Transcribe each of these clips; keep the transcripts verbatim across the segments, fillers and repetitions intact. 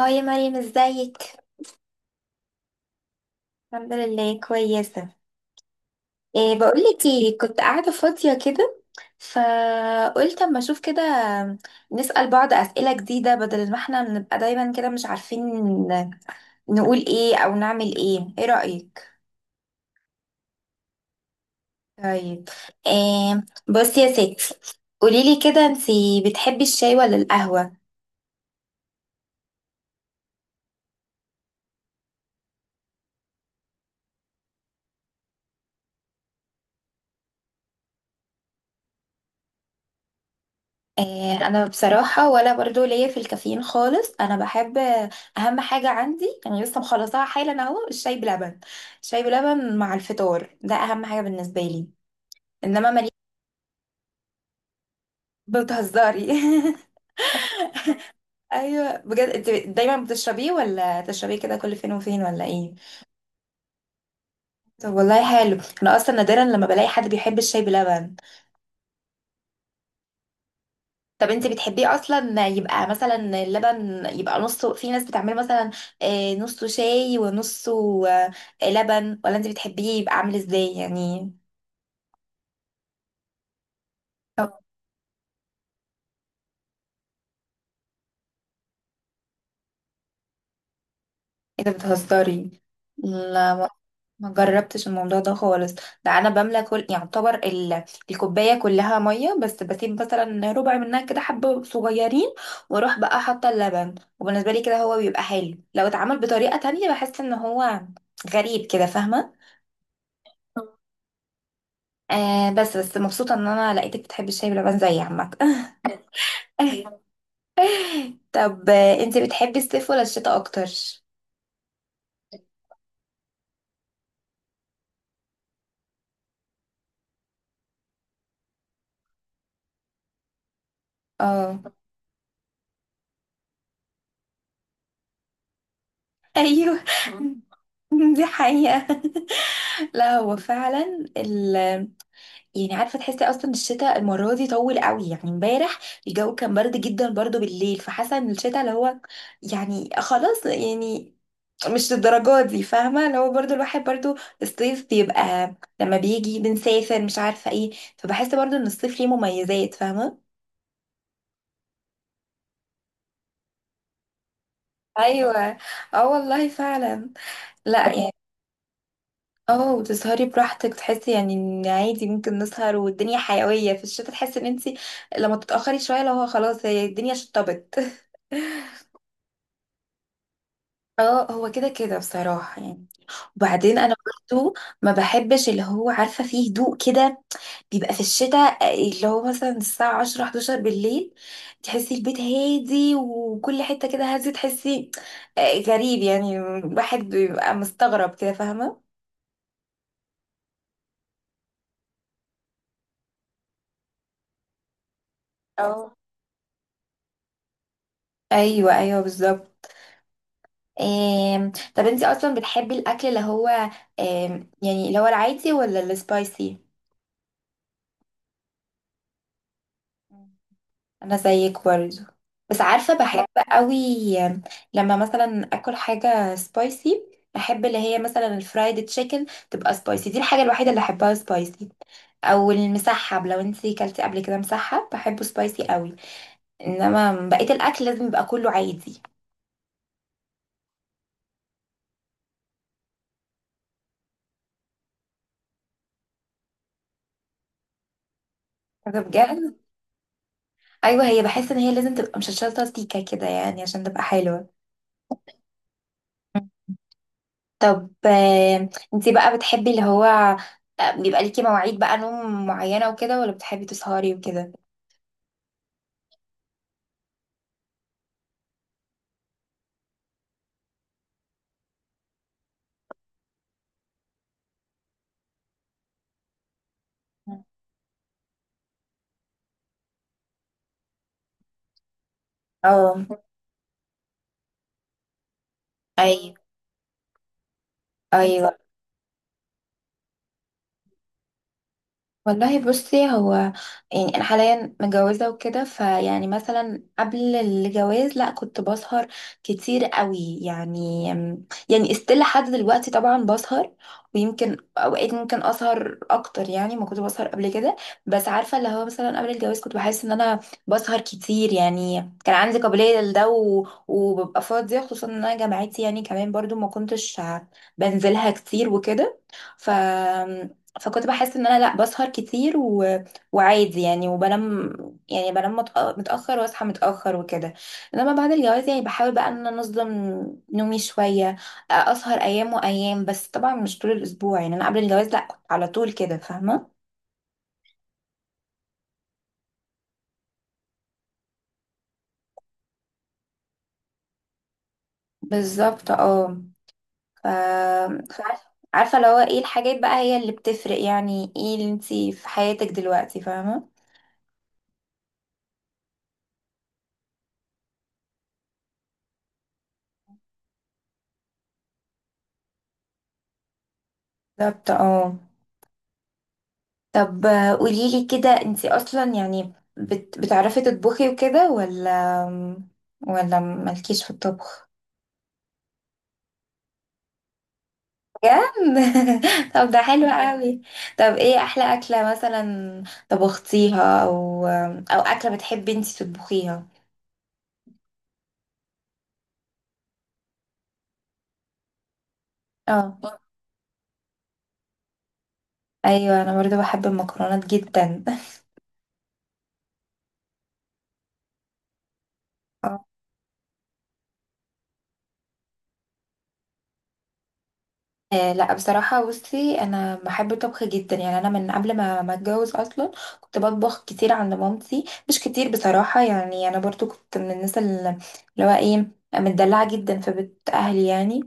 اه يا مريم، ازيك؟ الحمد لله كويسه. إيه، بقولك ايه، كنت قاعده فاضيه كده، فقلت اما اشوف كده، نسأل بعض اسئله جديده بدل ما احنا بنبقى دايما كده مش عارفين نقول ايه او نعمل ايه. ايه رأيك؟ طيب. إيه، بصي يا ستي، قوليلي كده، انتي بتحبي الشاي ولا القهوه؟ آه، انا بصراحه ولا برضو ليا في الكافيين خالص. انا بحب، آه، اهم حاجه عندي يعني لسه مخلصاها حالا اهو، الشاي بلبن. الشاي بلبن مع الفطار ده اهم حاجه بالنسبه لي. انما مالي. بتهزري؟ ايوه، بجد، انت دايما بتشربيه ولا تشربيه كده كل فين وفين ولا ايه؟ طب والله حلو، انا اصلا نادرا لما بلاقي حد بيحب الشاي بلبن. طب انت بتحبيه اصلا يبقى مثلا اللبن يبقى نصه، في ناس بتعمله مثلا آه، نصه شاي ونصه آه، لبن، ولا انت بتحبيه يبقى عامل ازاي يعني؟ طب ايه ده، بتهزري؟ لا، ما ما جربتش الموضوع ده خالص. ده انا بملى كل، يعتبر ال... الكوبايه كلها ميه، بس بسيب مثلا ربع منها كده حبه صغيرين، واروح بقى حاطه اللبن. وبالنسبه لي كده هو بيبقى حلو. لو اتعمل بطريقه تانية بحس ان هو غريب كده، فاهمه؟ آه، بس بس مبسوطة ان انا لقيتك بتحبي الشاي بلبن زي عمك. طب آه، انتي بتحبي الصيف ولا الشتاء اكتر؟ اه، ايوه. دي حقيقة. لا هو فعلا ال يعني عارفة، تحسي اصلا الشتاء المرة دي طول قوي يعني. امبارح الجو كان برد جدا برضو بالليل، فحاسة ان الشتاء اللي هو يعني خلاص يعني، مش للدرجة دي، فاهمة؟ اللي هو برضو الواحد برضو الصيف بيبقى لما بيجي بنسافر مش عارفة ايه، فبحس برضو ان الصيف ليه مميزات، فاهمة؟ ايوه، اه والله فعلا. لا يعني اه، وتسهري براحتك، تحسي يعني ان عادي ممكن نسهر والدنيا حيوية. في الشتا تحسي ان انتي لما تتأخري شوية لو هو خلاص، هي الدنيا شطبت. اه، هو كده كده بصراحة يعني. وبعدين انا برضو ما بحبش اللي هو، عارفه، فيه هدوء كده بيبقى في الشتاء، آه، اللي هو مثلا الساعه عشرة احدعشر بالليل، تحسي البيت هادي وكل حته كده هادي، تحسي آه، غريب يعني، واحد بيبقى مستغرب كده، فاهمه؟ اه، ايوه ايوه بالظبط. آم، طب انتي اصلا بتحبي الاكل اللي هو آم، يعني اللي هو العادي ولا السبايسي؟ انا زيك برضو، بس عارفه بحب قوي لما مثلا اكل حاجه سبايسي. بحب اللي هي مثلا الفرايد تشيكن تبقى سبايسي، دي الحاجه الوحيده اللي احبها سبايسي، او المسحب، لو انتي كلتي قبل كده مسحب بحبه سبايسي قوي، انما بقيه الاكل لازم يبقى كله عادي. ده بجد؟ ايوه، هي بحس ان هي لازم تبقى مشطشطه سيكه كده يعني عشان تبقى حلوه. طب آه، انتي بقى بتحبي اللي هو آه، بيبقى ليكي مواعيد بقى نوم معينه وكده، ولا بتحبي تسهري وكده؟ اه ايوه ايوه. والله بصي هو يعني انا حاليا متجوزه وكده، فيعني مثلا قبل الجواز لا، كنت بسهر كتير قوي يعني. يعني استيل لحد دلوقتي طبعا بسهر، ويمكن اوقات ممكن اسهر اكتر يعني ما كنت بسهر قبل كده. بس عارفه اللي هو مثلا قبل الجواز كنت بحس ان انا بسهر كتير يعني، كان عندي قابليه لده و- وببقى فاضيه، خصوصا ان انا جامعتي يعني كمان برضو ما كنتش بنزلها كتير وكده. ف فكنت بحس ان انا لا بسهر كتير و... وعادي يعني وبنام يعني. بنام متأ- متاخر واصحى متاخر وكده. انما بعد الجواز يعني بحاول بقى ان انا انظم نومي شويه، اسهر ايام وايام، بس طبعا مش طول الاسبوع يعني. انا قبل الجواز لا كنت على طول كده، فاهمه؟ بالظبط اه. ف... فعارفه، عارفة اللي هو ايه الحاجات بقى هي اللي بتفرق يعني، ايه اللي انتي في حياتك دلوقتي، فاهمه؟ بالظبط اه. طب قولي لي كده، انتي اصلا يعني بت... بتعرفي تطبخي وكده، ولا ولا مالكيش في الطبخ؟ بجد؟ طب ده حلو قوي. طب ايه احلى اكله مثلا طبختيها، او او اكله بتحبي انتي تطبخيها؟ اه ايوه، انا برضو بحب المكرونات جدا. آه لا، بصراحة بصي، أنا بحب الطبخ جدا يعني. أنا من قبل ما ما أتجوز أصلا كنت بطبخ كتير عند مامتي، مش كتير بصراحة يعني. أنا برضو كنت من الناس اللي اللي هو إيه، متدلعة جدا في بيت أهلي يعني.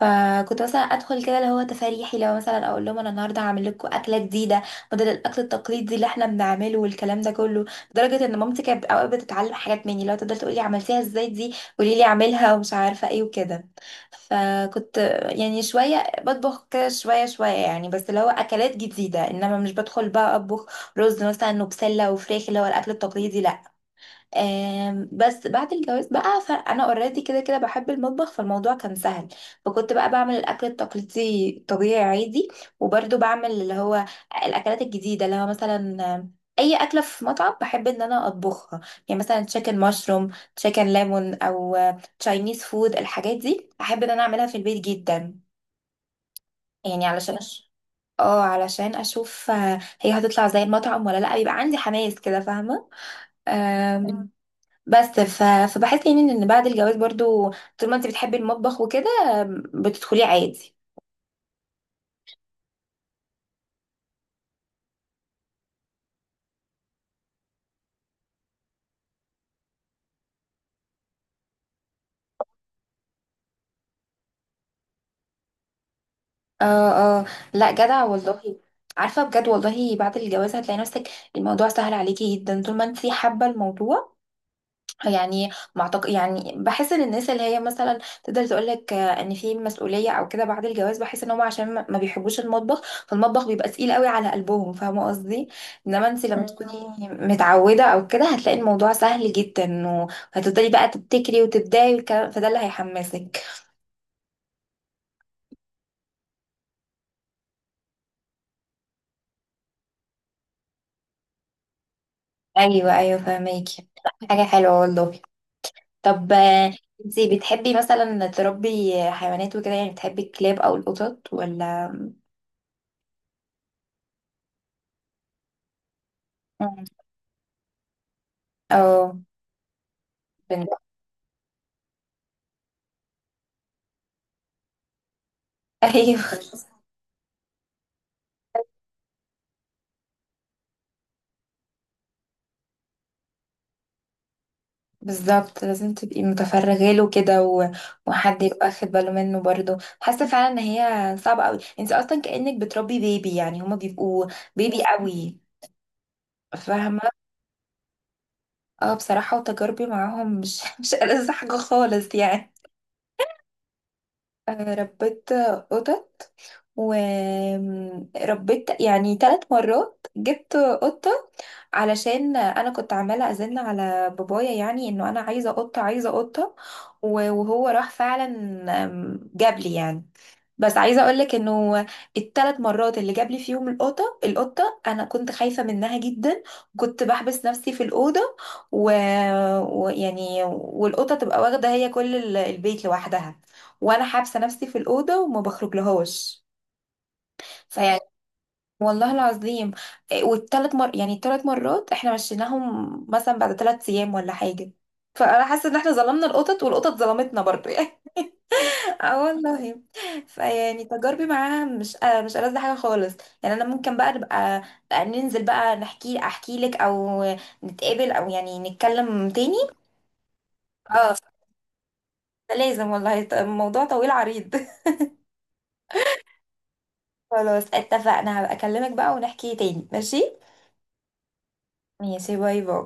فكنت مثلا أدخل كده اللي هو تفاريحي، لو مثلا أقول لهم أنا النهاردة هعمل لكم أكلة جديدة بدل الأكل التقليدي اللي إحنا بنعمله والكلام ده كله. لدرجة إن مامتي كانت أوقات بتتعلم حاجات مني، لو تقدر تقولي عملتيها إزاي دي، قولي لي أعملها، ومش عارفة إيه وكده. فكنت يعني شوية بطبخ كده شوية شوية يعني، بس اللي هو أكلات جديدة، إنما مش بدخل بقى أطبخ رز مثلا وبسلة وفراخ اللي هو الأكل التقليدي، لأ. آم، بس بعد الجواز بقى فأنا أوريدي كده كده بحب المطبخ، فالموضوع كان سهل. فكنت بقى بعمل الأكل التقليدي طبيعي عادي، وبرده بعمل اللي هو الأكلات الجديدة اللي هو مثلا آم، أي أكلة في مطعم بحب إن أنا أطبخها. يعني مثلا تشيكن مشروم، تشيكن ليمون، أو تشاينيز فود، الحاجات دي أحب إن أنا أعملها في البيت جدا، يعني علشان أش- اه علشان اشوف آه، هي هتطلع زي المطعم ولا لا، بيبقى عندي حماس كده، فاهمه؟ آم، مم. بس ف... فبحس يعني ان بعد الجواز برضو طول ما انت بتحبي المطبخ وكده آم، بتدخلي عادي. اه اه، لا جدع والله. عارفه بجد والله، بعد الجواز هتلاقي نفسك الموضوع سهل عليكي جدا طول ما انت حابه الموضوع. يعني ما أعتق- يعني بحس ان الناس اللي هي مثلا تقدر تقول لك ان في مسؤوليه او كده بعد الجواز، بحس ان هم عشان ما ما بيحبوش المطبخ، فالمطبخ بيبقى تقيل قوي على قلبهم، فاهمه قصدي؟ انما انت لما تكوني مم. متعوده او كده هتلاقي الموضوع سهل جدا، وهتفضلي بقى تبتكري وتبدعي والكلام، فده اللي هيحمسك. ايوه ايوه فاهماكي. حاجه حلوه والله. طب آه، انتي بتحبي مثلا تربي حيوانات وكده، يعني بتحبي الكلاب او القطط ولا؟ مم. او بن- ايوه بالظبط، لازم تبقي متفرغه له كده و... وحد يبقى واخد باله منه برضه، حاسه فعلا ان هي صعبه قوي. انت اصلا كانك بتربي بيبي يعني، هما بيبقوا بيبي قوي، فاهمه؟ اه بصراحه وتجاربي معاهم مش مش ألذ حاجه خالص يعني. آه، ربيت قطط، وربيت يعني ثلاث مرات جبت قطة، علشان انا كنت عمالة ازن على بابايا يعني انه انا عايزة قطة، عايزة قطة، و- وهو راح فعلا آم، جاب لي يعني. بس عايزه اقولك انه الثلاث مرات اللي جاب لي فيهم القطه القطه انا كنت خايفه منها جدا، كنت بحبس نفسي في الاوضه، ويعني و... ويعني- والقطه تبقى واخده هي كل ال- البيت لوحدها، وانا حابسه نفسي في الاوضه وما بخرج لهاش. فيعني، والله العظيم، والثلاث مر يعني الثلاث مرات احنا مشيناهم مثلا بعد ثلاث ايام ولا حاجه. فانا حاسه ان احنا ظلمنا القطط والقطط ظلمتنا برضو. اه والله. فيعني تجاربي معاها مش آه مش ألذ حاجه خالص يعني. انا ممكن بقى نبقى بقى ننزل بقى نحكي، احكي لك او نتقابل او يعني نتكلم تاني. اه، ده لازم والله. ط- الموضوع طويل عريض. خلاص اتفقنا، هبقى اكلمك بقى ونحكي تاني. ماشي. ماشي، باي باي.